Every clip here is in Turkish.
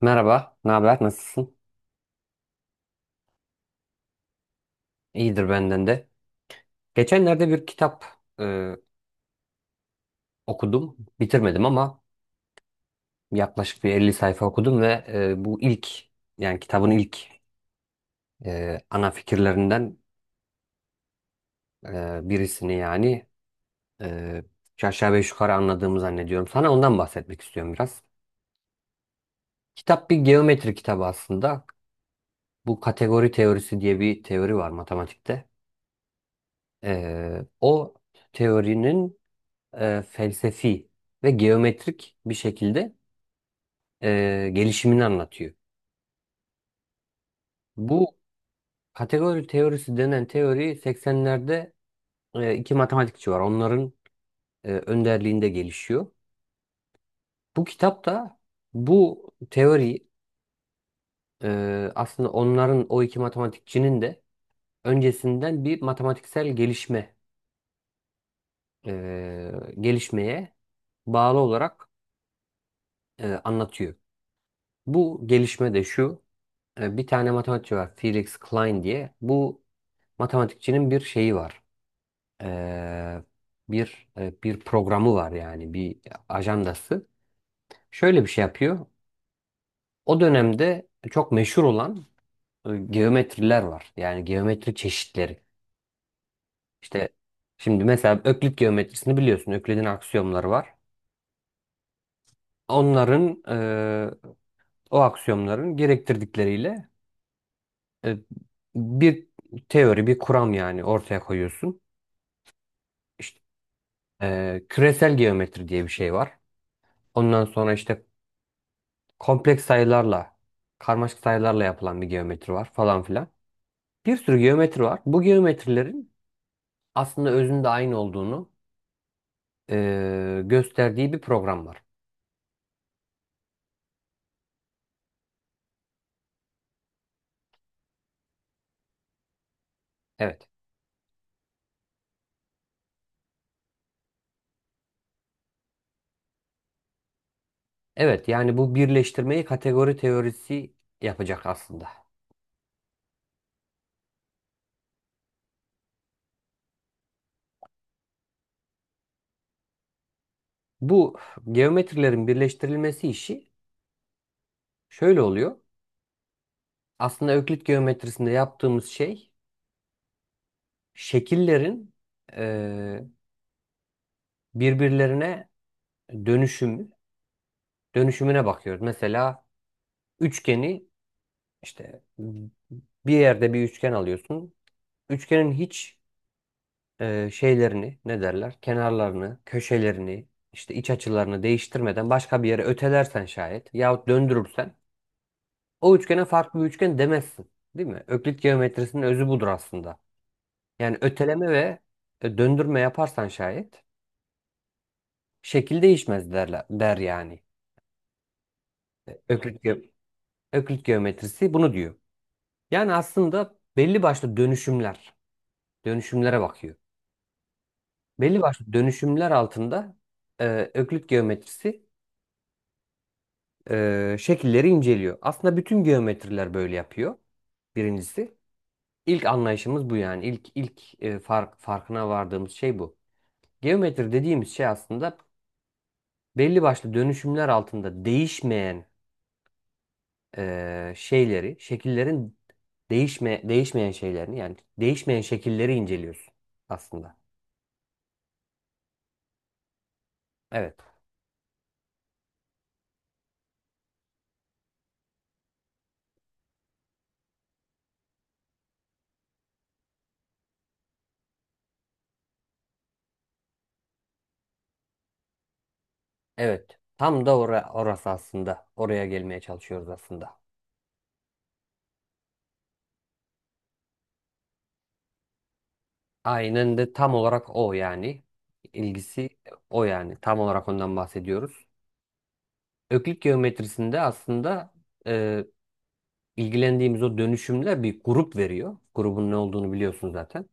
Merhaba, ne haber? Nasılsın? İyidir benden de. Geçenlerde bir kitap e, okudum. Bitirmedim ama yaklaşık bir 50 sayfa okudum ve bu ilk yani kitabın ilk ana fikirlerinden birisini yani e, üç aşağı beş yukarı anladığımı zannediyorum. Sana ondan bahsetmek istiyorum biraz. Kitap bir geometri kitabı aslında. Bu kategori teorisi diye bir teori var matematikte. O teorinin felsefi ve geometrik bir şekilde gelişimini anlatıyor. Bu kategori teorisi denen teori 80'lerde iki matematikçi var. Onların önderliğinde gelişiyor. Bu kitap da bu teori aslında onların o iki matematikçinin de öncesinden bir matematiksel e, gelişmeye bağlı olarak anlatıyor. Bu gelişme de şu. Bir tane matematikçi var Felix Klein diye. Bu matematikçinin bir şeyi var. Ee, bir programı var yani bir ajandası. Şöyle bir şey yapıyor. O dönemde çok meşhur olan geometriler var. Yani geometri çeşitleri. İşte şimdi mesela Öklit geometrisini biliyorsun. Öklid'in aksiyomları var. Onların o aksiyomların gerektirdikleriyle e, bir teori, bir kuram yani ortaya koyuyorsun. İşte küresel geometri diye bir şey var. Ondan sonra işte kompleks sayılarla, karmaşık sayılarla yapılan bir geometri var falan filan. Bir sürü geometri var. Bu geometrilerin aslında özünde aynı olduğunu gösterdiği bir program var. Evet. Evet yani bu birleştirmeyi kategori teorisi yapacak aslında. Bu geometrilerin birleştirilmesi işi şöyle oluyor. Aslında Öklit geometrisinde yaptığımız şey şekillerin eee, birbirlerine dönüşümü, dönüşümüne bakıyoruz. Mesela üçgeni İşte bir yerde bir üçgen alıyorsun. Üçgenin hiç şeylerini ne derler? Kenarlarını, köşelerini, işte iç açılarını değiştirmeden başka bir yere ötelersen şayet yahut döndürürsen o üçgene farklı bir üçgen demezsin. Değil mi? Öklit geometrisinin özü budur aslında. Yani öteleme ve döndürme yaparsan şayet şekil değişmez derler, der yani. E, Öklit, ge- Öklit geometrisi bunu diyor. Yani aslında belli başlı dönüşümlere bakıyor. Belli başlı dönüşümler altında Öklit geometrisi şekilleri inceliyor. Aslında bütün geometriler böyle yapıyor. Birincisi. İlk anlayışımız bu yani. İlk farkına vardığımız şey bu. Geometri dediğimiz şey aslında belli başlı dönüşümler altında değişmeyen şekillerin değişmeyen şeylerini yani değişmeyen şekilleri inceliyorsun aslında. Evet. Evet. Tam da orası aslında. Oraya gelmeye çalışıyoruz aslında. Aynen de tam olarak o yani. İlgisi o yani. Tam olarak ondan bahsediyoruz. Öklit geometrisinde aslında e, ilgilendiğimiz o dönüşümler bir grup veriyor. Grubun ne olduğunu biliyorsun zaten.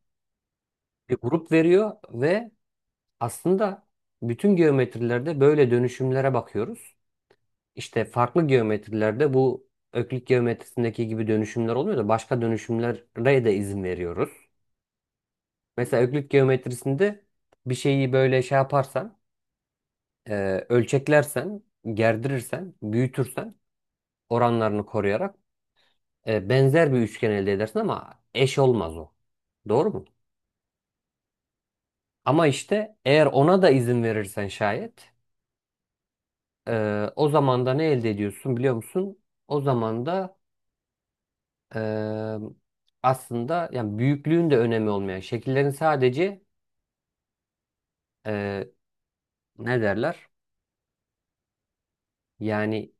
Bir grup veriyor ve aslında bütün geometrilerde böyle dönüşümlere bakıyoruz. İşte farklı geometrilerde bu Öklit geometrisindeki gibi dönüşümler olmuyor da başka dönüşümlere de izin veriyoruz. Mesela Öklit geometrisinde bir şeyi böyle şey yaparsan ölçeklersen, gerdirirsen, büyütürsen oranlarını koruyarak benzer bir üçgen elde edersin ama eş olmaz o. Doğru mu? Ama işte eğer ona da izin verirsen şayet o zaman da ne elde ediyorsun biliyor musun? O zaman da e, aslında yani büyüklüğün de önemi olmayan şekillerin sadece e, ne derler? Yani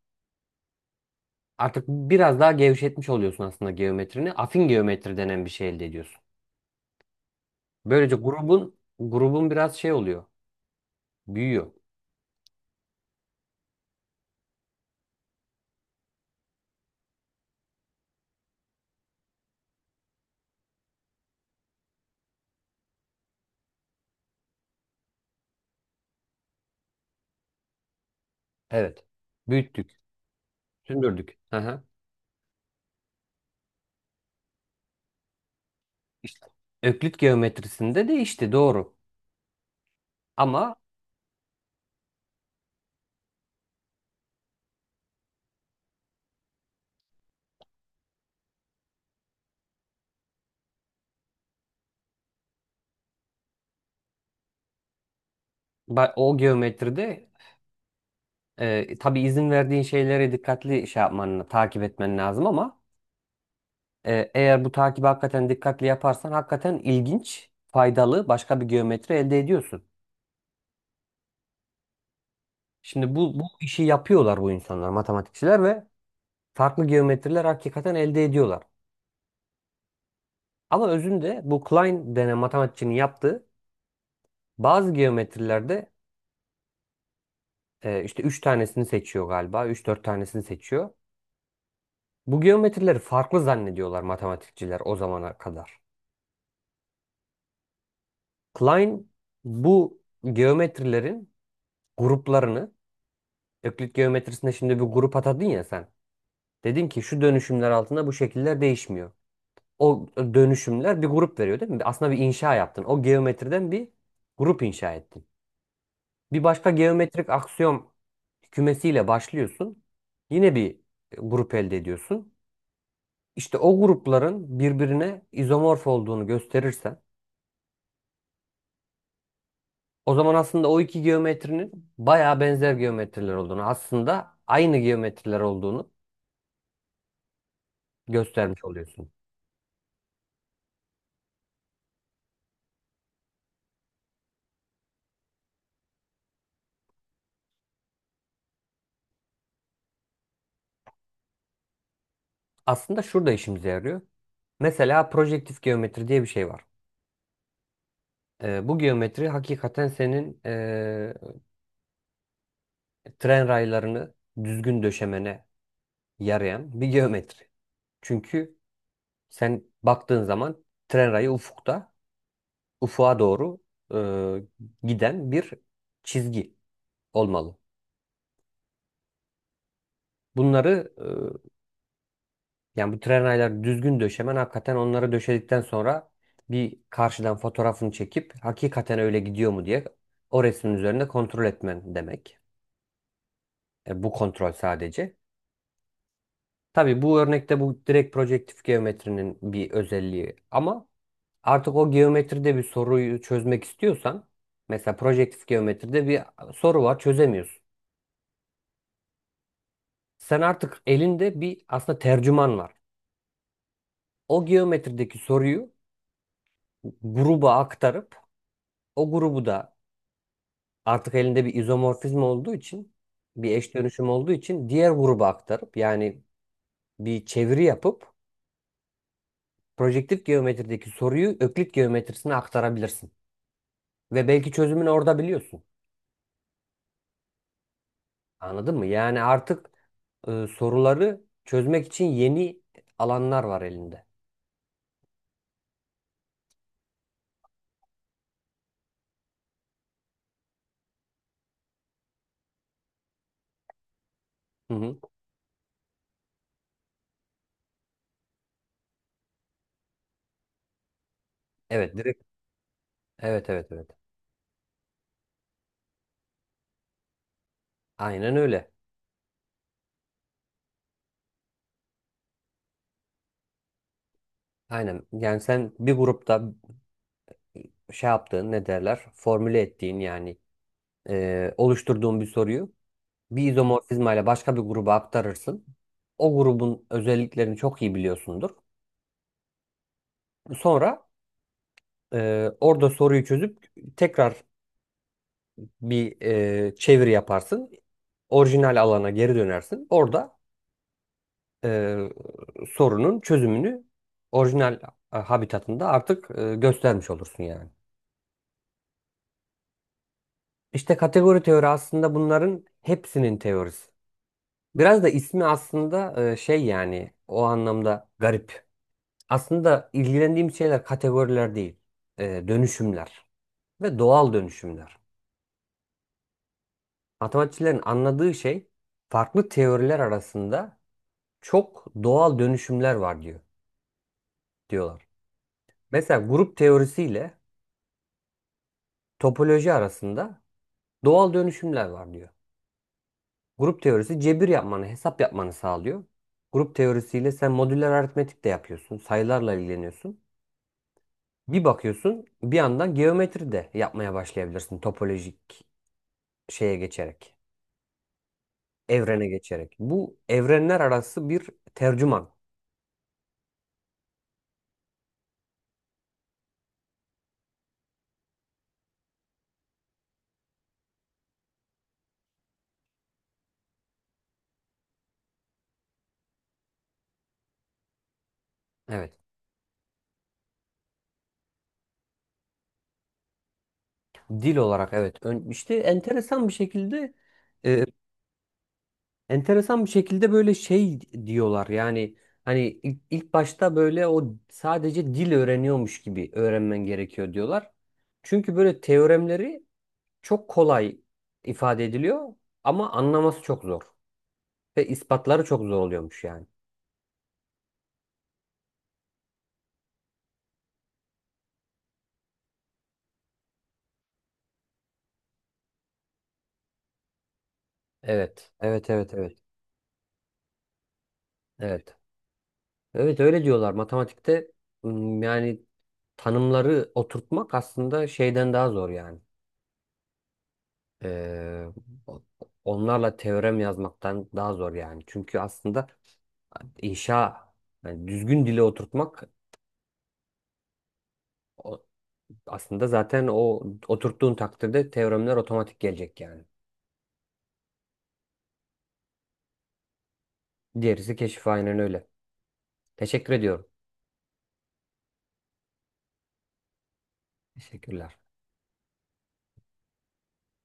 artık biraz daha gevşetmiş oluyorsun aslında geometrini. Afin geometri denen bir şey elde ediyorsun. Böylece grubun biraz şey oluyor. Büyüyor. Evet. Büyüttük. Sündürdük. Hı hı. İşte. Öklit geometrisinde de işte doğru. Ama o geometride tabii izin verdiğin şeylere dikkatli şey yapman, takip etmen lazım ama eğer bu takibi hakikaten dikkatli yaparsan hakikaten ilginç, faydalı başka bir geometri elde ediyorsun. Şimdi bu işi yapıyorlar bu insanlar, matematikçiler ve farklı geometriler hakikaten elde ediyorlar. Ama özünde bu Klein denen matematikçinin yaptığı bazı geometrilerde işte 3 tanesini seçiyor galiba. Üç dört tanesini seçiyor. Bu geometrileri farklı zannediyorlar matematikçiler o zamana kadar. Klein bu geometrilerin gruplarını Öklit geometrisinde şimdi bir grup atadın ya sen. Dedin ki şu dönüşümler altında bu şekiller değişmiyor. O dönüşümler bir grup veriyor değil mi? Aslında bir inşa yaptın. O geometriden bir grup inşa ettin. Bir başka geometrik aksiyom kümesiyle başlıyorsun. Yine bir grup elde ediyorsun. İşte o grupların birbirine izomorf olduğunu gösterirsen o zaman aslında o iki geometrinin bayağı benzer geometriler olduğunu, aslında aynı geometriler olduğunu göstermiş oluyorsun. Aslında şurada işimize yarıyor. Mesela projektif geometri diye bir şey var. Bu geometri hakikaten senin tren raylarını düzgün döşemene yarayan bir geometri. Çünkü sen baktığın zaman tren rayı ufuğa doğru giden bir çizgi olmalı. Bunları yani bu tren rayları düzgün döşemen hakikaten onları döşedikten sonra bir karşıdan fotoğrafını çekip hakikaten öyle gidiyor mu diye o resmin üzerinde kontrol etmen demek. Bu kontrol sadece. Tabii bu örnekte bu direkt projektif geometrinin bir özelliği ama artık o geometride bir soruyu çözmek istiyorsan, mesela projektif geometride bir soru var çözemiyorsun. Sen artık elinde bir aslında tercüman var. O geometrideki soruyu gruba aktarıp o grubu da artık elinde bir izomorfizm olduğu için bir eş dönüşüm olduğu için diğer gruba aktarıp yani bir çeviri yapıp projektif geometrideki soruyu öklit geometrisine aktarabilirsin. Ve belki çözümünü orada biliyorsun. Anladın mı? Yani artık soruları çözmek için yeni alanlar var elinde. Hı hı. Evet, direkt. Evet, evet, evet. Aynen öyle. Aynen. Yani sen bir grupta şey yaptığın, ne derler? Formüle ettiğin yani oluşturduğun bir soruyu bir izomorfizma ile başka bir gruba aktarırsın. O grubun özelliklerini çok iyi biliyorsundur. Sonra orada soruyu çözüp tekrar bir çeviri yaparsın. Orijinal alana geri dönersin. Orada e, sorunun çözümünü orijinal habitatında artık göstermiş olursun yani. İşte kategori teori aslında bunların hepsinin teorisi. Biraz da ismi aslında şey yani o anlamda garip. Aslında ilgilendiğim şeyler kategoriler değil, dönüşümler ve doğal dönüşümler. Matematikçilerin anladığı şey farklı teoriler arasında çok doğal dönüşümler var diyorlar. Mesela grup teorisiyle topoloji arasında doğal dönüşümler var diyor. Grup teorisi cebir yapmanı, hesap yapmanı sağlıyor. Grup teorisiyle sen modüler aritmetik de yapıyorsun, sayılarla ilgileniyorsun. Bir bakıyorsun, bir yandan geometri de yapmaya başlayabilirsin topolojik şeye geçerek, evrene geçerek. Bu evrenler arası bir tercüman. Evet. Dil olarak evet. İşte e, Enteresan bir şekilde böyle şey diyorlar yani hani ilk başta böyle o sadece dil öğreniyormuş gibi öğrenmen gerekiyor diyorlar. Çünkü böyle teoremleri çok kolay ifade ediliyor ama anlaması çok zor ve ispatları çok zor oluyormuş yani. Evet, evet, evet, evet, evet. Evet öyle diyorlar matematikte yani tanımları oturtmak aslında şeyden daha zor yani. Ee, onlarla teorem yazmaktan daha zor yani. Çünkü aslında inşa yani düzgün dile oturtmak o- aslında zaten o oturttuğun takdirde teoremler otomatik gelecek yani. Diğerisi keşif aynen öyle. Teşekkür ediyorum. Teşekkürler.